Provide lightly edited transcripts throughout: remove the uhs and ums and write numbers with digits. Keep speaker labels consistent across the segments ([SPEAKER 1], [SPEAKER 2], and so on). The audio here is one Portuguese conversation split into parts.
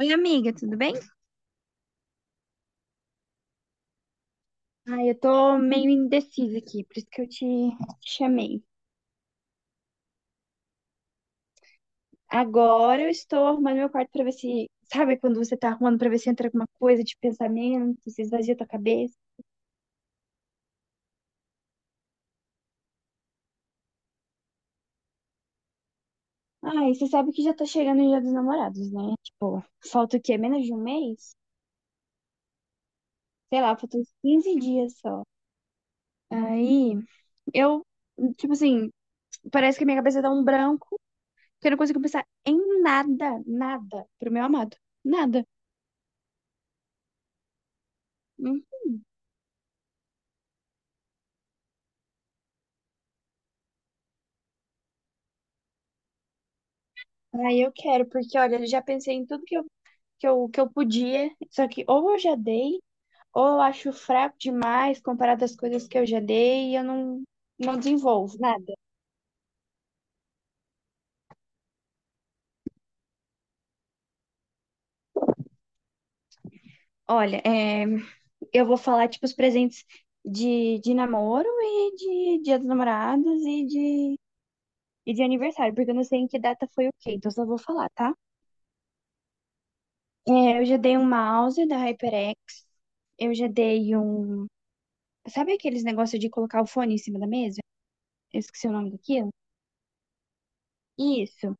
[SPEAKER 1] Oi, amiga, tudo bem? Ai, eu tô meio indecisa aqui, por isso que eu te chamei. Agora eu estou arrumando meu quarto pra ver se, sabe quando você tá arrumando pra ver se entra alguma coisa de pensamento, se esvazia tua cabeça. Ai, você sabe que já tá chegando o Dia dos Namorados, né? Tipo, falta o quê? Menos de um mês? Sei lá, faltam uns 15 dias só. Aí, eu, tipo assim, parece que a minha cabeça dá um branco, que eu não consigo pensar em nada, nada pro meu amado. Nada. Ah, eu quero, porque olha, eu já pensei em tudo que eu podia, só que ou eu já dei, ou eu acho fraco demais comparado às coisas que eu já dei e eu não, não desenvolvo nada. Olha, é, eu vou falar, tipo, os presentes de namoro e de Dia dos Namorados e de aniversário, porque eu não sei em que data foi o quê, então só vou falar, tá? É, eu já dei um mouse da HyperX, eu já dei um... Sabe aqueles negócios de colocar o fone em cima da mesa? Eu esqueci o nome daquilo. Isso.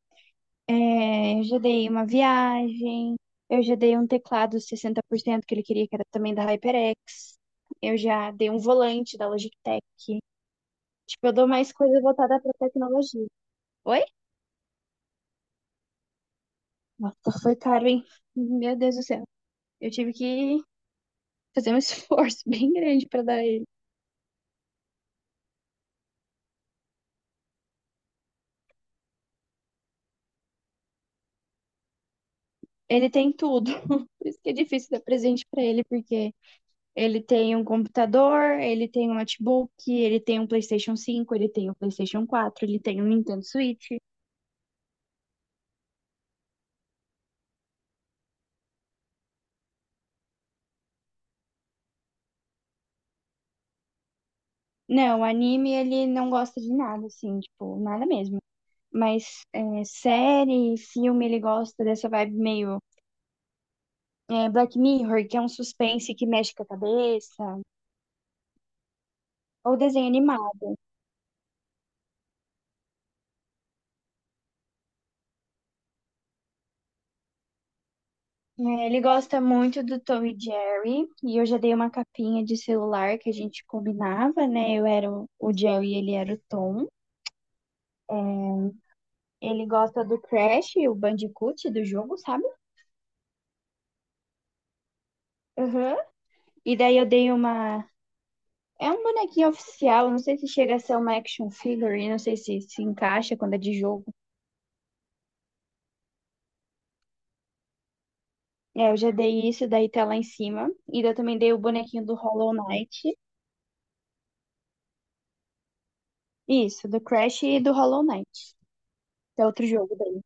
[SPEAKER 1] É, eu já dei uma viagem, eu já dei um teclado 60% que ele queria, que era também da HyperX. Eu já dei um volante da Logitech. Tipo, eu dou mais coisa voltada para tecnologia. Oi? Nossa, foi caro, hein? Meu Deus do céu. Eu tive que fazer um esforço bem grande para dar ele. Ele tem tudo. Por isso que é difícil dar presente para ele, porque ele tem um computador, ele tem um notebook, ele tem um PlayStation cinco, ele tem um PlayStation quatro, ele tem um Nintendo Switch. Não, anime ele não gosta de nada, assim, tipo, nada mesmo. Mas é, série, filme, ele gosta dessa vibe meio é, Black Mirror, que é um suspense que mexe com a cabeça, ou desenho animado. É, ele gosta muito do Tom e Jerry, e eu já dei uma capinha de celular que a gente combinava, né? Eu era o Jerry e ele era o Tom. Ele gosta do Crash, o Bandicoot do jogo, sabe? Aham. E daí eu dei uma é um bonequinho oficial, não sei se chega a ser uma action figure, não sei se encaixa quando é de jogo. É, eu já dei isso, daí tá lá em cima. E daí eu também dei o bonequinho do Hollow Knight. Isso, do Crash e do Hollow Knight, que é outro jogo dele.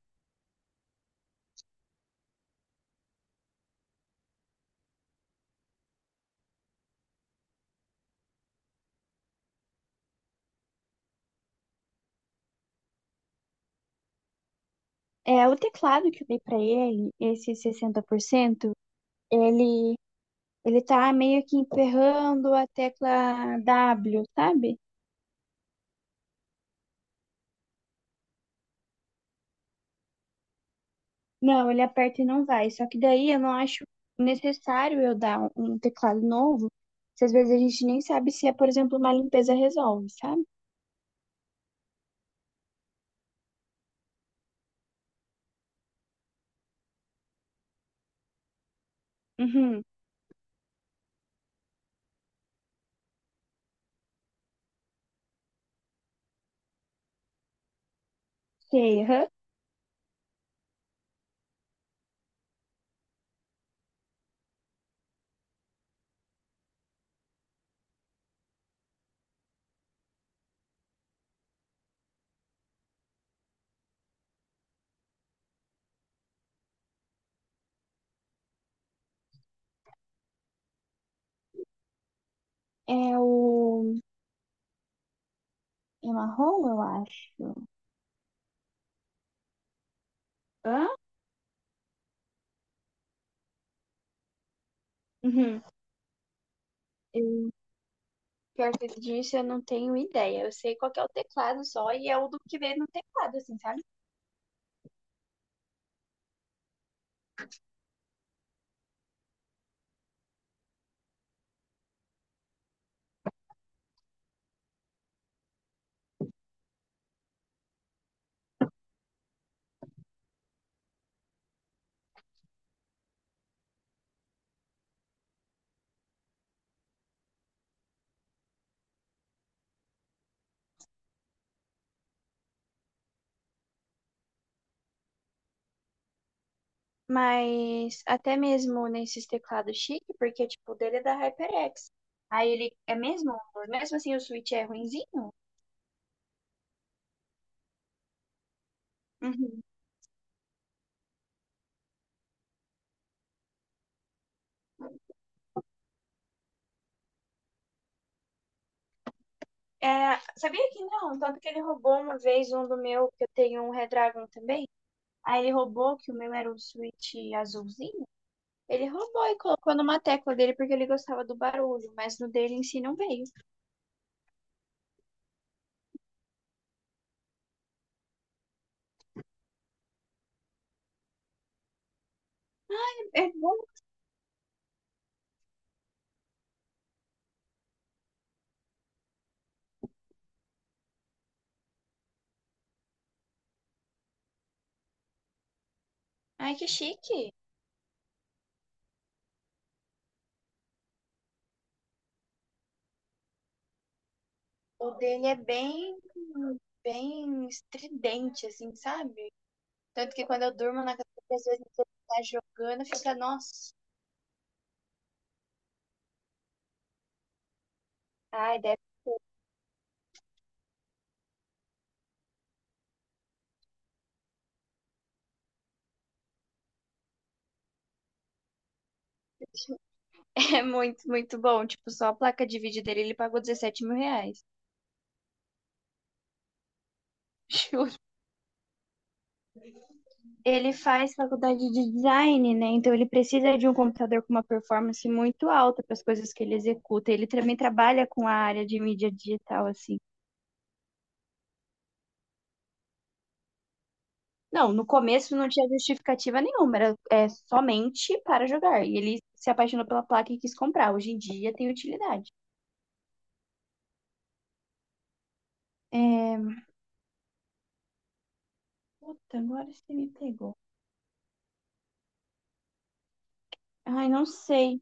[SPEAKER 1] É, o teclado que eu dei pra ele, esse 60%, ele, ele tá meio que emperrando a tecla W, sabe? Não, ele aperta e não vai. Só que daí eu não acho necessário eu dar um teclado novo, se às vezes a gente nem sabe se é, por exemplo, uma limpeza resolve, sabe? Uhum. Sei, aham. É o. É marrom, eu acho. Hã? Uhum. Eu, pior que disso, eu não tenho ideia. Eu sei qual que é o teclado só e é o do que vem no teclado, assim, sabe? Mas até mesmo nesses teclados chique, porque, tipo, o dele é da HyperX. Aí ele é mesmo, mesmo assim o Switch é ruinzinho. Uhum. É, sabia que não? Tanto que ele roubou uma vez um do meu, que eu tenho um Redragon também. Aí ele roubou, que o meu era um Switch azulzinho. Ele roubou e colocou numa tecla dele porque ele gostava do barulho, mas no dele em si não veio. É bom. Ai, que chique! O dele é bem, bem estridente, assim, sabe? Tanto que quando eu durmo na casa às vezes você tá jogando, fica, nossa. Ai, deve... é muito, muito bom. Tipo, só a placa de vídeo dele, ele pagou 17 mil reais. Ele faz faculdade de design, né? Então ele precisa de um computador com uma performance muito alta para as coisas que ele executa. Ele também trabalha com a área de mídia digital, assim. Não, no começo não tinha justificativa nenhuma, era é, somente para jogar. E ele se apaixonou pela placa e quis comprar. Hoje em dia tem utilidade. É... Puta, agora você me pegou. Ai, não sei.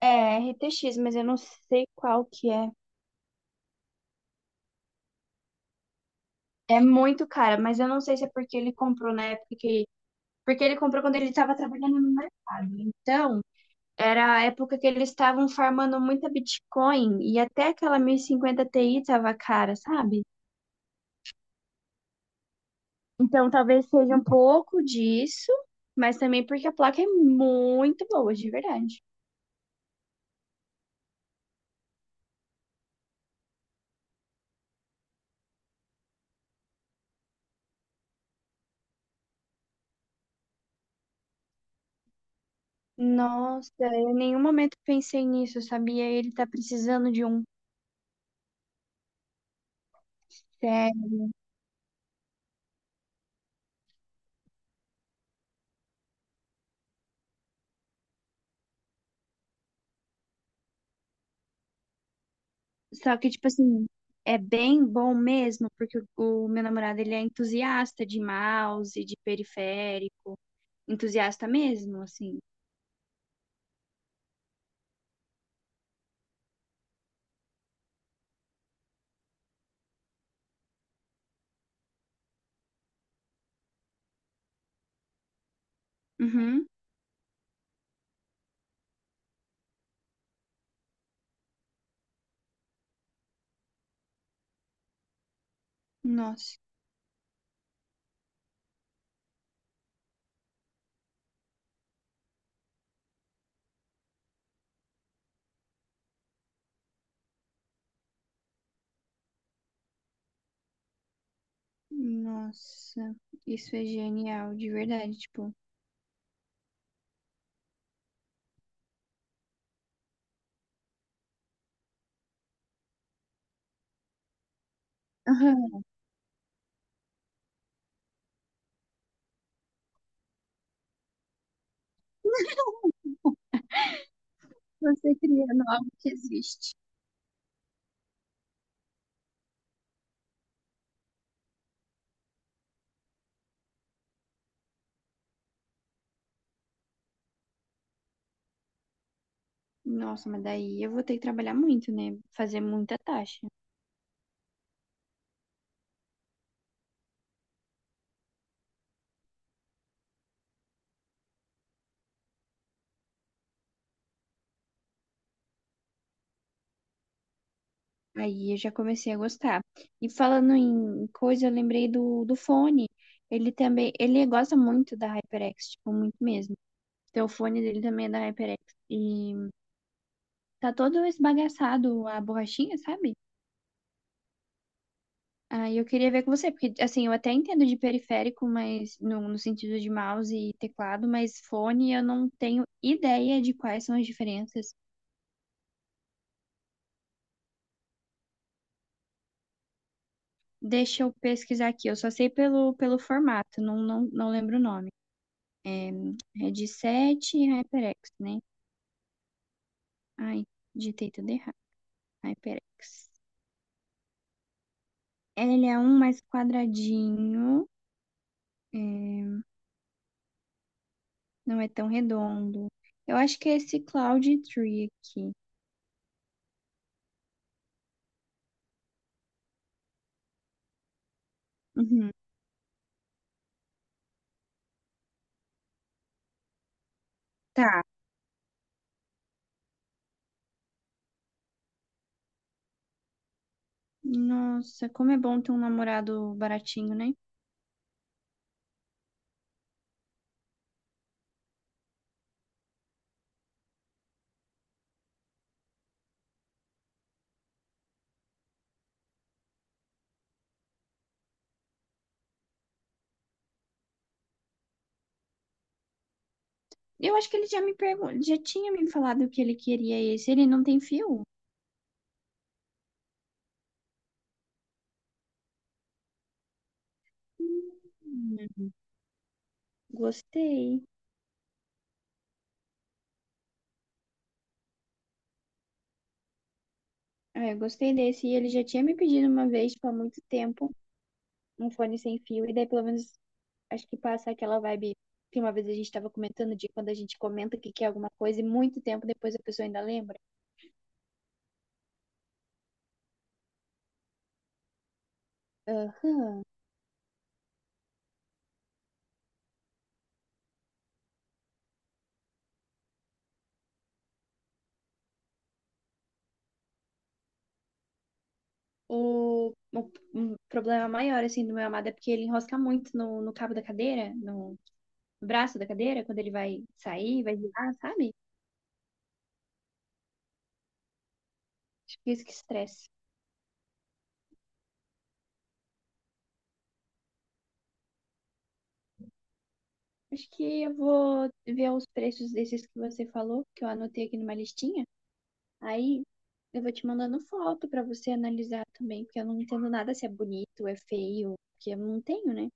[SPEAKER 1] É RTX, mas eu não sei qual que é. É muito cara, mas eu não sei se é porque ele comprou na época que porque ele comprou quando ele estava trabalhando no mercado. Então, era a época que eles estavam farmando muita Bitcoin e até aquela 1050 Ti estava cara, sabe? Então, talvez seja um pouco disso, mas também porque a placa é muito boa, de verdade. Nossa, eu em nenhum momento pensei nisso, sabia? Ele tá precisando de um pé. Só que, tipo assim, é bem bom mesmo, porque o meu namorado, ele é entusiasta de mouse, de periférico. Entusiasta mesmo, assim. Uhum. Nossa, nossa, isso é genial, de verdade, tipo. Aham. Você cria algo que existe. Nossa, mas daí eu vou ter que trabalhar muito, né? Fazer muita taxa. Aí eu já comecei a gostar. E falando em coisa, eu lembrei do fone. Ele também, ele gosta muito da HyperX, tipo, muito mesmo. Então o fone dele também é da HyperX. E tá todo esbagaçado a borrachinha, sabe? Ah, eu queria ver com você, porque assim, eu até entendo de periférico, mas no sentido de mouse e teclado, mas fone eu não tenho ideia de quais são as diferenças. Deixa eu pesquisar aqui, eu só sei pelo formato, não lembro o nome. É, headset e HyperX, né? Ai, digitei tudo errado. HyperX. Ele é um mais quadradinho, é, não é tão redondo. Eu acho que é esse Cloud Tree aqui. Uhum. Tá. Nossa, como é bom ter um namorado baratinho, né? Eu acho que ele já me pergun- já tinha me falado que ele queria esse. Ele não tem fio? Hum, Gostei. É, eu gostei desse. E ele já tinha me pedido uma vez, tipo, há muito tempo, um fone sem fio. E daí, pelo menos, acho que passa aquela vibe que uma vez a gente tava comentando de quando a gente comenta que quer alguma coisa e muito tempo depois a pessoa ainda lembra. Ah, um problema maior, assim, do meu amado é porque ele enrosca muito no cabo da cadeira, no braço da cadeira, quando ele vai sair, vai virar, sabe? Acho que é isso que estresse. Acho que eu vou ver os preços desses que você falou, que eu anotei aqui numa listinha. Aí eu vou te mandando foto pra você analisar também, porque eu não entendo nada se é bonito, é feio, porque eu não tenho, né?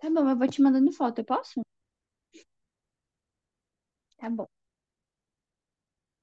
[SPEAKER 1] Tá bom, eu vou te mandando foto, eu posso? Tá bom.